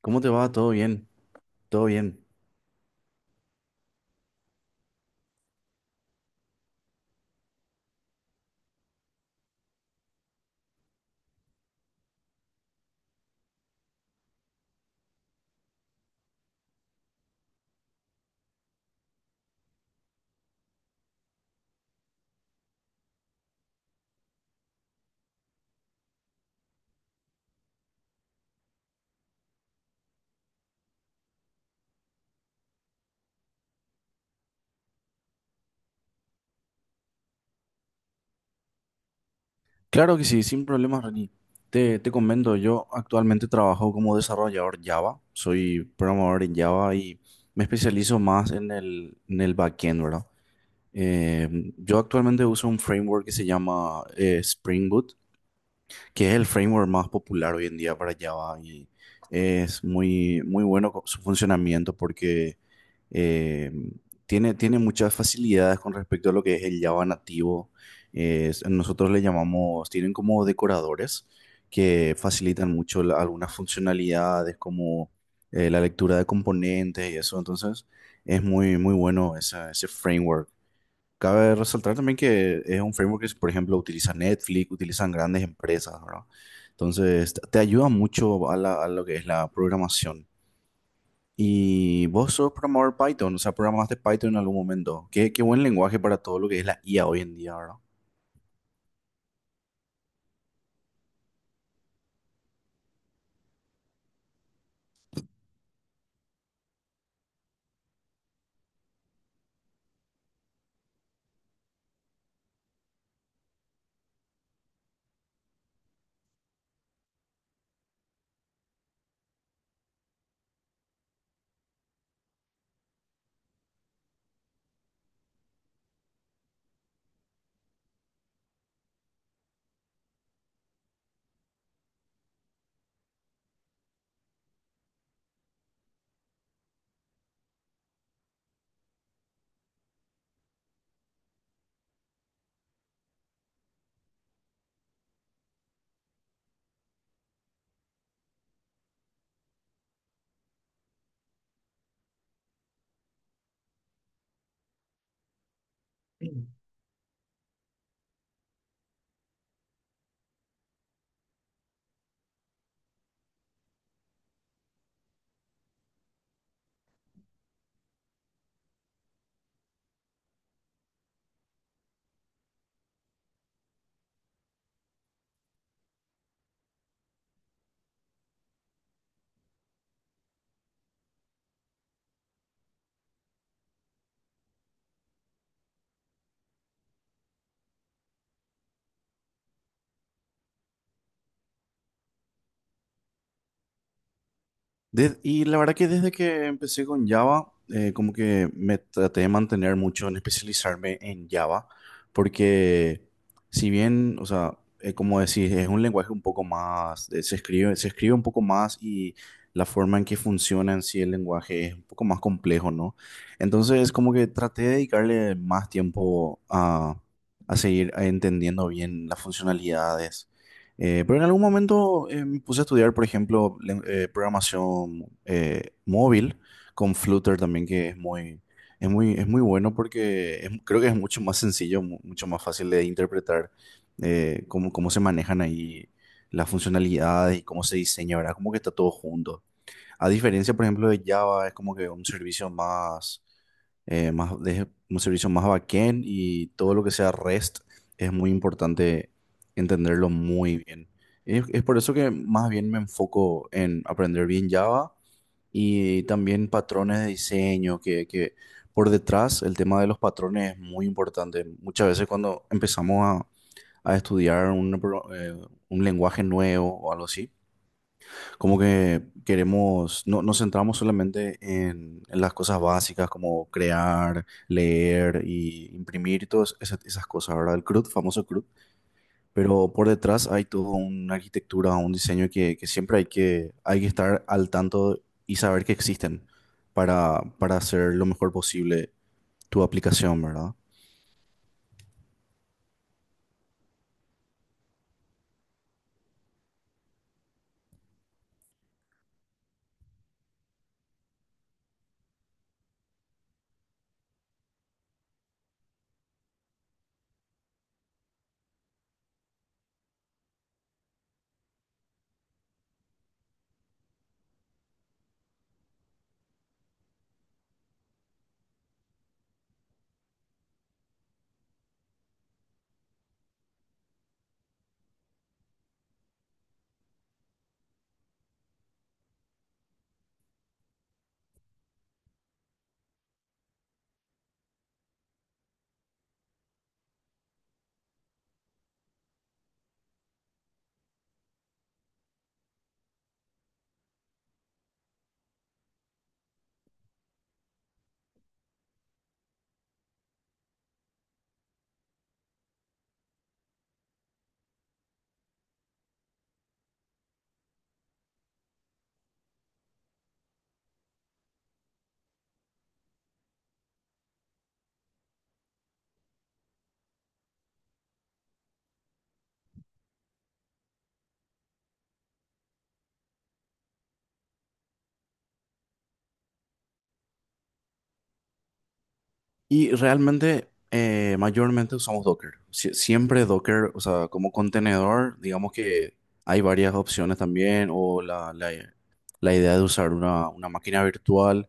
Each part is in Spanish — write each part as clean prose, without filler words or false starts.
¿Cómo te va? ¿Todo bien? ¿Todo bien? Claro que sí, sin problemas, Reni. Te comento, yo actualmente trabajo como desarrollador Java, soy programador en Java y me especializo más en el backend, ¿verdad? Yo actualmente uso un framework que se llama Spring Boot, que es el framework más popular hoy en día para Java y es muy bueno su funcionamiento porque eh, tiene muchas facilidades con respecto a lo que es el Java nativo. Nosotros le llamamos, tienen como decoradores que facilitan mucho algunas funcionalidades como la lectura de componentes y eso. Entonces, es muy bueno ese framework. Cabe resaltar también que es un framework que, por ejemplo, utiliza Netflix, utilizan grandes empresas, ¿verdad? Entonces, te ayuda mucho a lo que es la programación. Y vos sos programador Python, o sea, programaste Python en algún momento. Qué buen lenguaje para todo lo que es la IA hoy en día, ¿verdad? Y la verdad que desde que empecé con Java, como que me traté de mantener mucho en especializarme en Java, porque si bien, o sea, como decís, es un lenguaje un poco más, se escribe un poco más y la forma en que funciona en sí el lenguaje es un poco más complejo, ¿no? Entonces, como que traté de dedicarle más tiempo a seguir entendiendo bien las funcionalidades, pero en algún momento me puse a estudiar, por ejemplo, programación móvil con Flutter también, que es muy, es muy, es muy bueno porque creo que es mucho más sencillo, mucho más fácil de interpretar, cómo se manejan ahí las funcionalidades y cómo se diseña, ¿verdad? Como que está todo junto. A diferencia, por ejemplo, de Java, es como que un servicio más, de un servicio más backend, y todo lo que sea REST es muy importante entenderlo muy bien. Es por eso que más bien me enfoco en aprender bien Java y también patrones de diseño, que por detrás el tema de los patrones es muy importante. Muchas veces cuando empezamos a estudiar un lenguaje nuevo o algo así, como que queremos, no, nos centramos solamente en las cosas básicas como crear, leer y imprimir y esas cosas, ¿verdad? El CRUD, famoso CRUD. Pero por detrás hay toda una arquitectura, un diseño que siempre hay que estar al tanto y saber que existen para hacer lo mejor posible tu aplicación, ¿verdad? Y realmente, mayormente usamos Docker. Siempre Docker, o sea, como contenedor, digamos que hay varias opciones también, o la idea de usar una máquina virtual,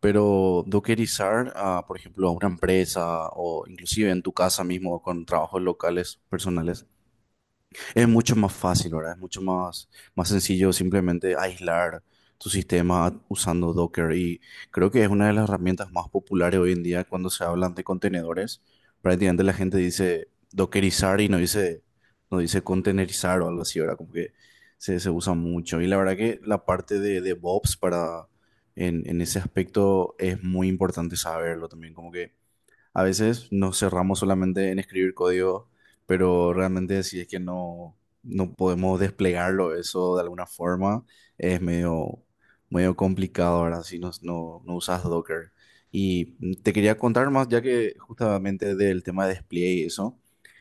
pero dockerizar, a, por ejemplo, a una empresa o inclusive en tu casa mismo con trabajos locales, personales. Es mucho más fácil, ¿verdad? Es mucho más, más sencillo simplemente aislar tu sistema usando Docker, y creo que es una de las herramientas más populares hoy en día cuando se hablan de contenedores. Prácticamente la gente dice dockerizar y no dice contenerizar o algo así, ¿verdad? Como que se usa mucho. Y la verdad que la parte de DevOps para, en ese aspecto es muy importante saberlo también, como que a veces nos cerramos solamente en escribir código, pero realmente si es que no podemos desplegarlo eso de alguna forma, es medio, medio complicado ahora si no usas Docker. Y te quería contar más, ya que justamente del tema de despliegue y eso,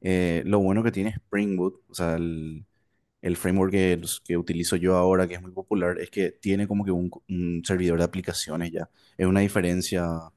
lo bueno que tiene Spring Boot, o sea, el framework que utilizo yo ahora, que es muy popular, es que tiene como que un servidor de aplicaciones ya. Es una diferencia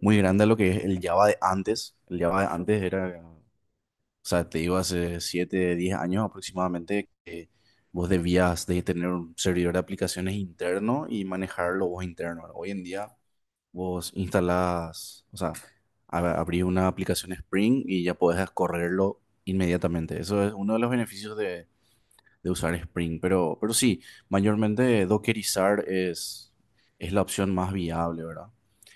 muy grande a lo que es el Java de antes. El Java de antes era, o sea, te digo, hace 7 10 años aproximadamente, que vos debías de tener un servidor de aplicaciones interno y manejarlo vos interno. Hoy en día vos instalás, o sea, abrís una aplicación Spring y ya podés correrlo inmediatamente. Eso es uno de los beneficios de usar Spring, pero sí, mayormente dockerizar es la opción más viable, ¿verdad?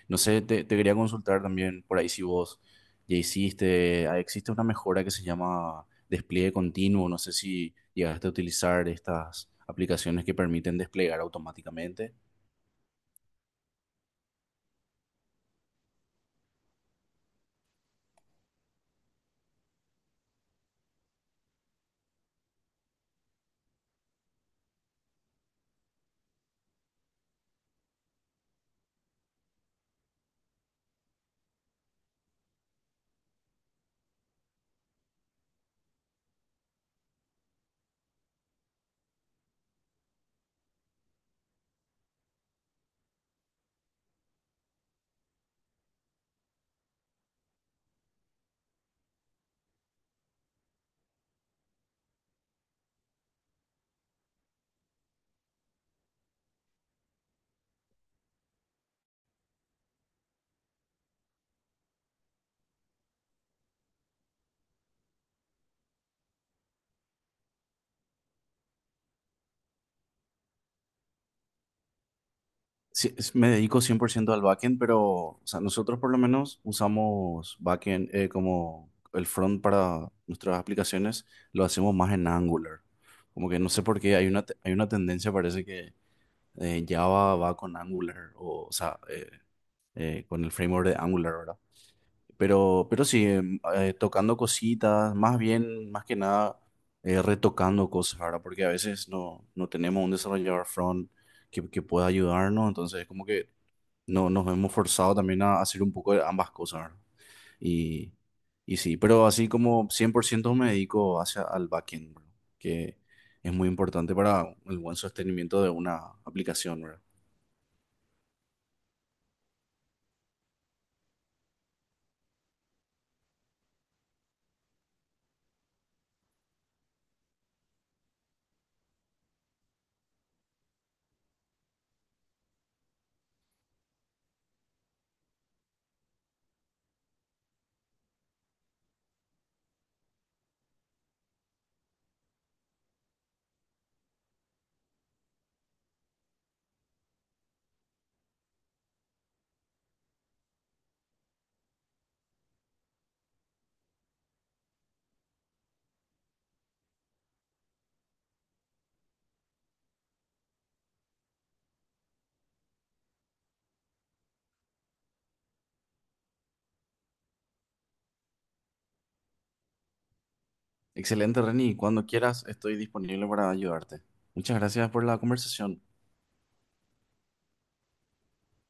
No sé, te quería consultar también por ahí si vos ya hiciste, ah, existe una mejora que se llama despliegue continuo, no sé si llegaste a utilizar estas aplicaciones que permiten desplegar automáticamente. Sí, me dedico 100% al backend, pero o sea, nosotros por lo menos usamos backend, como el front para nuestras aplicaciones, lo hacemos más en Angular. Como que no sé por qué hay una, hay una tendencia, parece que Java va con Angular, o sea, con el framework de Angular, ¿verdad? Pero sí, tocando cositas, más bien, más que nada, retocando cosas, ¿verdad? Porque a veces no tenemos un desarrollador front que pueda ayudarnos, entonces como que no, nos hemos forzado también a hacer un poco de ambas cosas, ¿verdad? Y, y sí, pero así como 100% me dedico hacia al backend, ¿verdad? Que es muy importante para el buen sostenimiento de una aplicación, ¿verdad? Excelente, Reni. Cuando quieras, estoy disponible para ayudarte. Muchas gracias por la conversación.